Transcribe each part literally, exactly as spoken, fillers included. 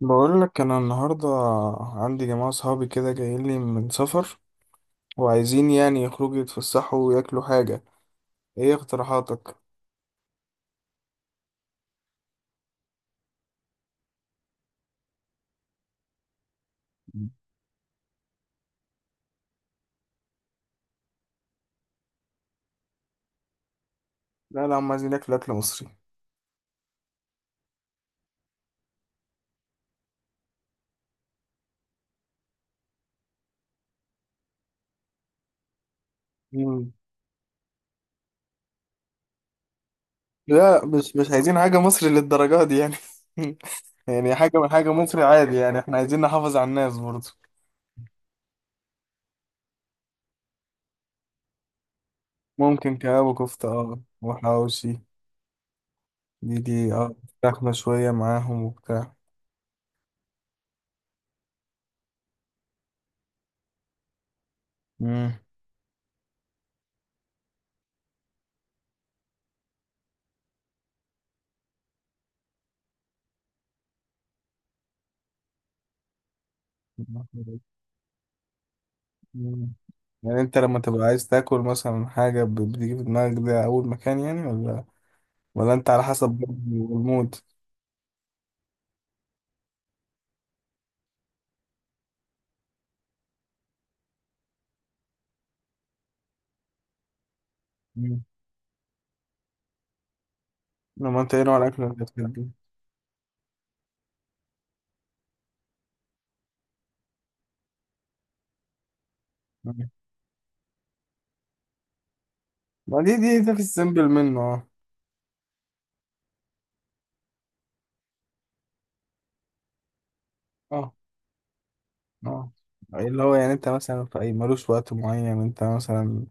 بقول لك انا النهارده عندي جماعه صحابي كده جايين لي من سفر، وعايزين يعني يخرجوا يتفسحوا وياكلوا حاجه. ايه اقتراحاتك؟ لا، لا، هم عايزين ياكلوا اكل مصري. مم. لا، مش مش عايزين حاجه مصري للدرجه دي يعني. يعني حاجه من حاجه مصري عادي، يعني احنا عايزين نحافظ على الناس برضه. ممكن كباب وكفته، اه، وحواوشي. دي دي، اه. فراخ شويه معاهم وبتاع. مم. مم. يعني انت لما تبقى عايز تاكل مثلا حاجة ب- بتيجي في دماغك ده أول مكان يعني، ولا ولا انت على حسب برضه المود؟ مم. لما انت ايه نوع الأكل اللي انت بتحبه؟ مم. ما دي دي ده في السيمبل منه، اه. اه، اه، اللي هو يعني انت مثلا في اي ملوش وقت معين، انت مثلا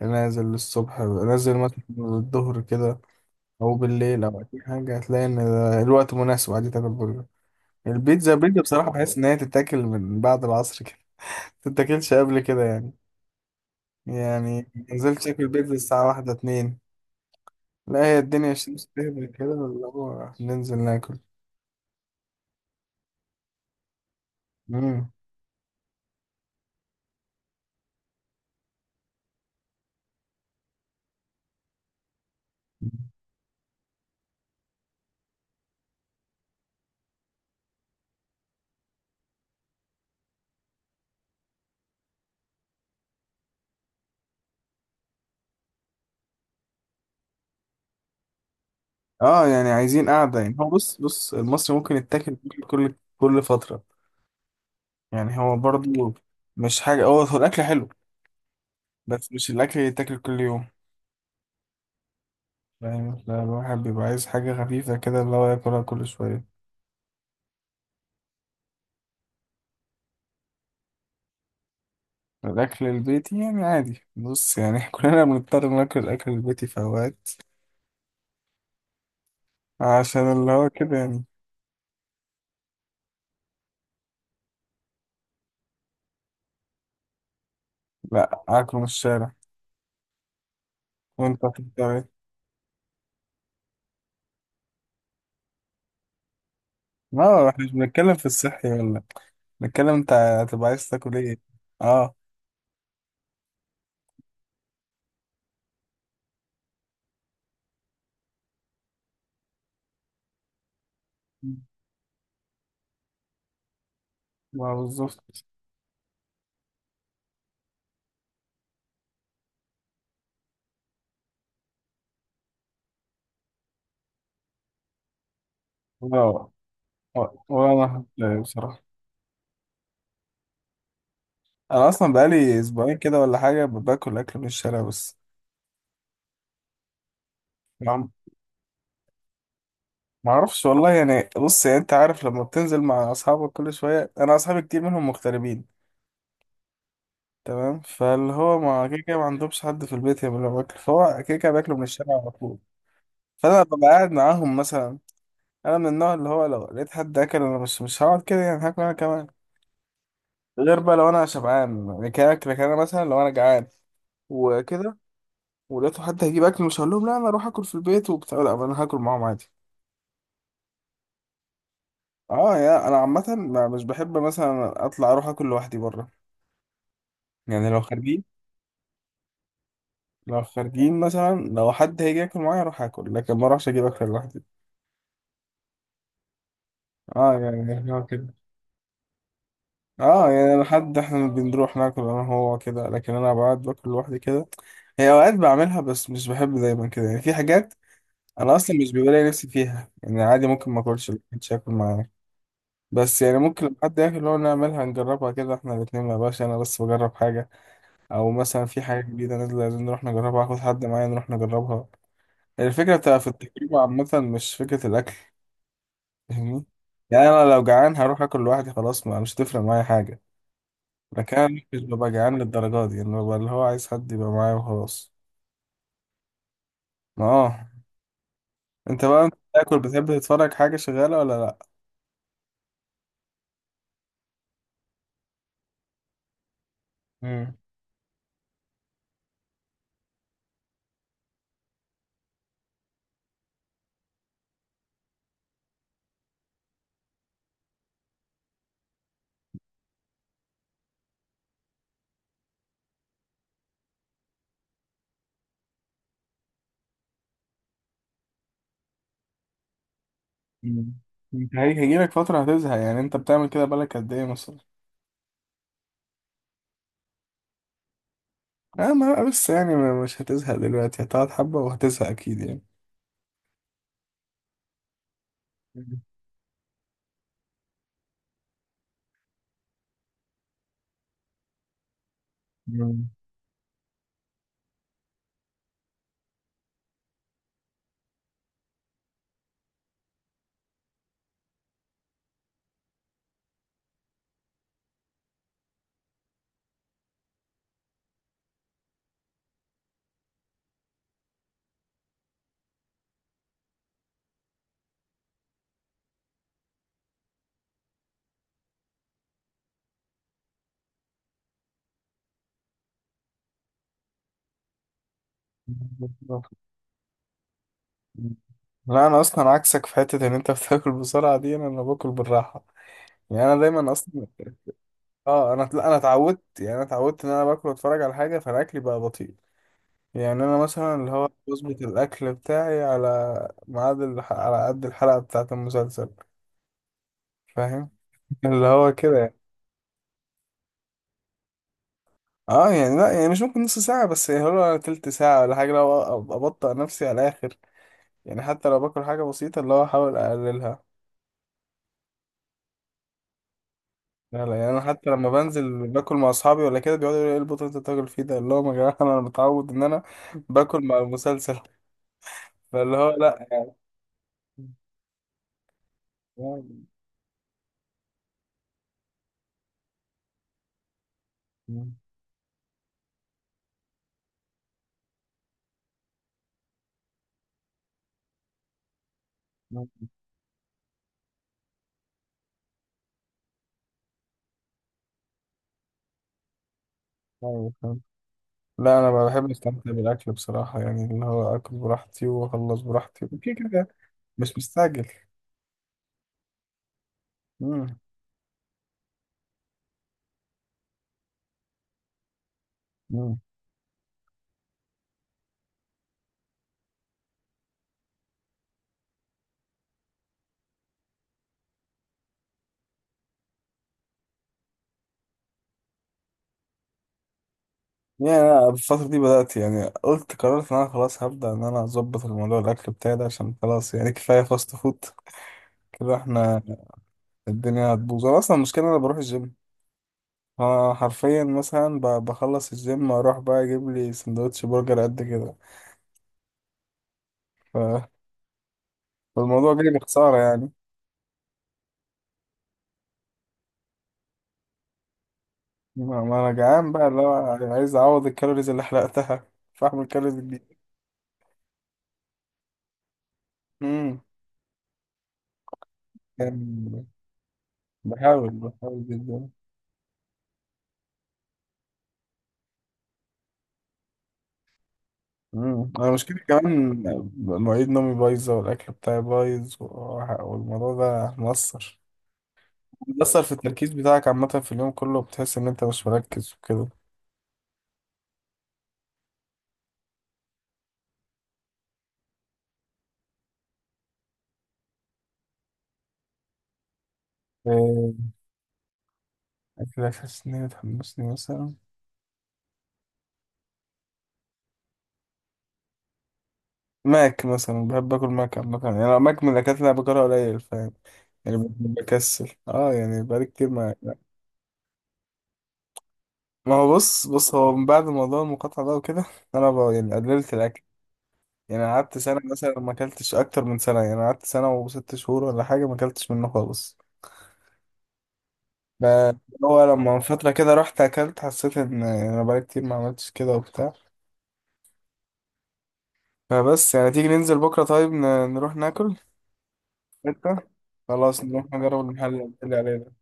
نازل الصبح، نازل مثلا الظهر كده، او بالليل او اي حاجه، هتلاقي ان ده الوقت مناسب عادي تاكل برجر. البيتزا، البيتزا بصراحه بحس ان هي تتاكل من بعد العصر كده. ما تتاكلش قبل كده يعني. يعني نزلت اكل بيتزا الساعة واحدة اتنين. لا، هي الدنيا الشمس تهبل كده اللي هو ننزل ناكل. مم. اه، يعني عايزين قعدة، يعني هو بص بص المصري ممكن يتاكل كل كل كل فترة. يعني هو برضو. مش حاجة، هو هو الأكل حلو. بس مش الأكل اللي يتاكل كل يوم. فاهم، فالواحد بيبقى عايز حاجة خفيفة كده اللي هو ياكلها كل شوية. الأكل البيتي يعني عادي، بص يعني. كلنا بنضطر ناكل الأكل البيتي في أوقات عشان اللي هو كده يعني. لا، أكله من الشارع. وأنت بتضطر إيه؟ اه، احنا مش بنتكلم في الصحي ولا بنتكلم انت هتبقى عايز تاكل ايه. اه، ما بالظبط. اه، آه، وانا لا، بصراحة. انا اصلا بقالي اسبوعين كده ولا حاجة باكل اكل من الشارع بس. ما ما اعرفش والله يعني، بص يعني انت عارف لما بتنزل مع اصحابك كل شوية، انا اصحابي كتير منهم مغتربين. تمام، فاللي هو ما كده كده ما عندهمش حد في البيت يعمل لهم اكل، فهو كده كده بياكلوا من الشارع على طول. فانا ببقى قاعد معاهم مثلا. انا من النوع اللي هو لو لقيت حد اكل انا مش مش هقعد كده يعني، هاكل انا كمان. غير بقى لو انا شبعان يعني، كاكل انا مثلا لو انا جعان وكده. ولقيته حد هيجيب اكل، مش هقول لهم لا انا اروح اكل في البيت وبتاع، لا انا هاكل معاهم عادي. اه، يا انا عامه ما- مش بحب مثلا اطلع اروح اكل لوحدي بره. يعني لو خارجين، لو خارجين مثلا لو حد هيجي ياكل معايا اروح اكل، لكن ما اروحش اجيب اكل لوحدي. اه، يعني هو كده. اه، يعني لحد احنا بنروح ناكل انا هو كده، لكن انا بقعد باكل لوحدي كده. هي اوقات بعملها، بس مش بحب دايما كده يعني، في حاجات انا اصلا مش بيبقى لي نفسي فيها، يعني عادي ممكن ما اكلش لو مش هاكل معاه. بس يعني ممكن لما حد ياكل هو نعملها نجربها كده احنا الاتنين، ما بقاش انا بس بجرب حاجه. او مثلا في حاجه جديده نازله لازم نروح نجربها، اخد حد معايا نروح نجربها. الفكره بتبقى في التجربه عامه، مش فكره الاكل. فاهمني؟ يعني انا لو جعان هروح اكل لوحدي خلاص، ما مش هتفرق معايا حاجه. ده كان مش ببقى جعان للدرجة دي، انه ببقى اللي هو عايز حد يبقى معايا وخلاص. ما، اه. انت بقى انت بتاكل بتحب تتفرج حاجة شغالة ولا لا؟ مم. مم. انت هي- هيجيلك فترة هتزهق؟ يعني انت بتعمل كده بقالك قد ايه مثلا؟ اه، ما آه، بس يعني ما- مش هتزهق دلوقتي، هتقعد حبة وهتزهق اكيد يعني. مم. مم. لا، انا اصلا عكسك في حتة ان انت بتاكل بسرعة دي، انا انا باكل بالراحة. يعني انا دايما اصلا. اه، انا لا، انا اتعودت يعني، انا اتعودت ان انا باكل واتفرج على حاجة، فانا اكلي بقى بطيء. يعني انا مثلا اللي هو بظبط الاكل بتاعي على ميعاد الح- على قد الحلقه بتاعه المسلسل. فاهم؟ اللي هو كده يعني. اه، يعني لا، يعني مش ممكن نص ساعه، بس يعني هو تلت ساعه ولا حاجه، لو أ- ابطأ نفسي على الاخر. يعني حتى لو باكل حاجه بسيطه اللي هو احاول اقللها. لا، لا، يعني انا حتى لما بنزل باكل مع اصحابي ولا كده بيقعدوا يقولوا ايه البطل اللي انت بتاكل فيه ده اللي هو يا جماعه، انا متعود ان انا باكل مع المسلسل. فاللي هو لا. يعني. لا، انا بحب استمتع بالاكل بصراحه يعني، اللي هو اكل براحتي واخلص براحتي كده كده، مش مستعجل. امم. امم. يعني انا الفتره دي بدات، يعني قلت قررت ان انا خلاص هبدا ان انا اظبط الموضوع الاكل بتاعي ده، عشان خلاص يعني كفايه فاست فود كده احنا. الدنيا هتبوظ، انا اصلا المشكله إن انا بروح الجيم. انا حرفيا مثلا ب- بخلص الجيم اروح بقى اجيب لي سندوتش برجر قد كده. ف- فالموضوع جاي بخساره يعني. ما ما انا جعان بقى اللي هو عايز اعوض الكالوريز اللي حرقتها، فاعمل كالوريز جديدة. امم. يعني بحاول بحاول جدا. امم، انا مشكلة كمان مواعيد نومي بايظة والاكل بتاعي بايظ وح- والموضوع ده مؤثر، مؤثر في التركيز بتاعك عامة في اليوم كله، بتحس ان انت مش مركز وكده. إيه، اكلك حاسس ان هي بتحمسني مثلا؟ ماك مثلا بحب اكل ماك عامة يعني، أنا ماك من الاكلات اللي انا باكلها قليل، فاهم؟ يعني بكسل، اه يعني بقالي كتير ما. ما هو بص بص هو من بعد موضوع المقاطعة ده وكده، أنا بقى يعني قللت الأكل. يعني قعدت سنة مثلا ما أكلتش، أكتر من سنة يعني قعدت سنة وست شهور ولا حاجة، ما أكلتش منه خالص. ب- هو لما من فترة كده رحت أكلت حسيت إن أنا بقالي كتير ما عملتش كده وبتاع، فبس يعني تيجي ننزل بكرة؟ طيب ن- نروح ناكل. أنت. خلاص نروح نجرب المحل اللي قلت لي عليه ده.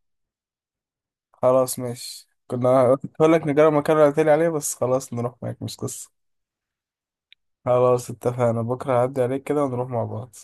خلاص ماشي، كنا قلت لك نجرب المكان اللي قلت لي عليه، بس خلاص نروح معاك مش قصة. خلاص اتفقنا، بكرة هعدي عليك كده ونروح مع بعض.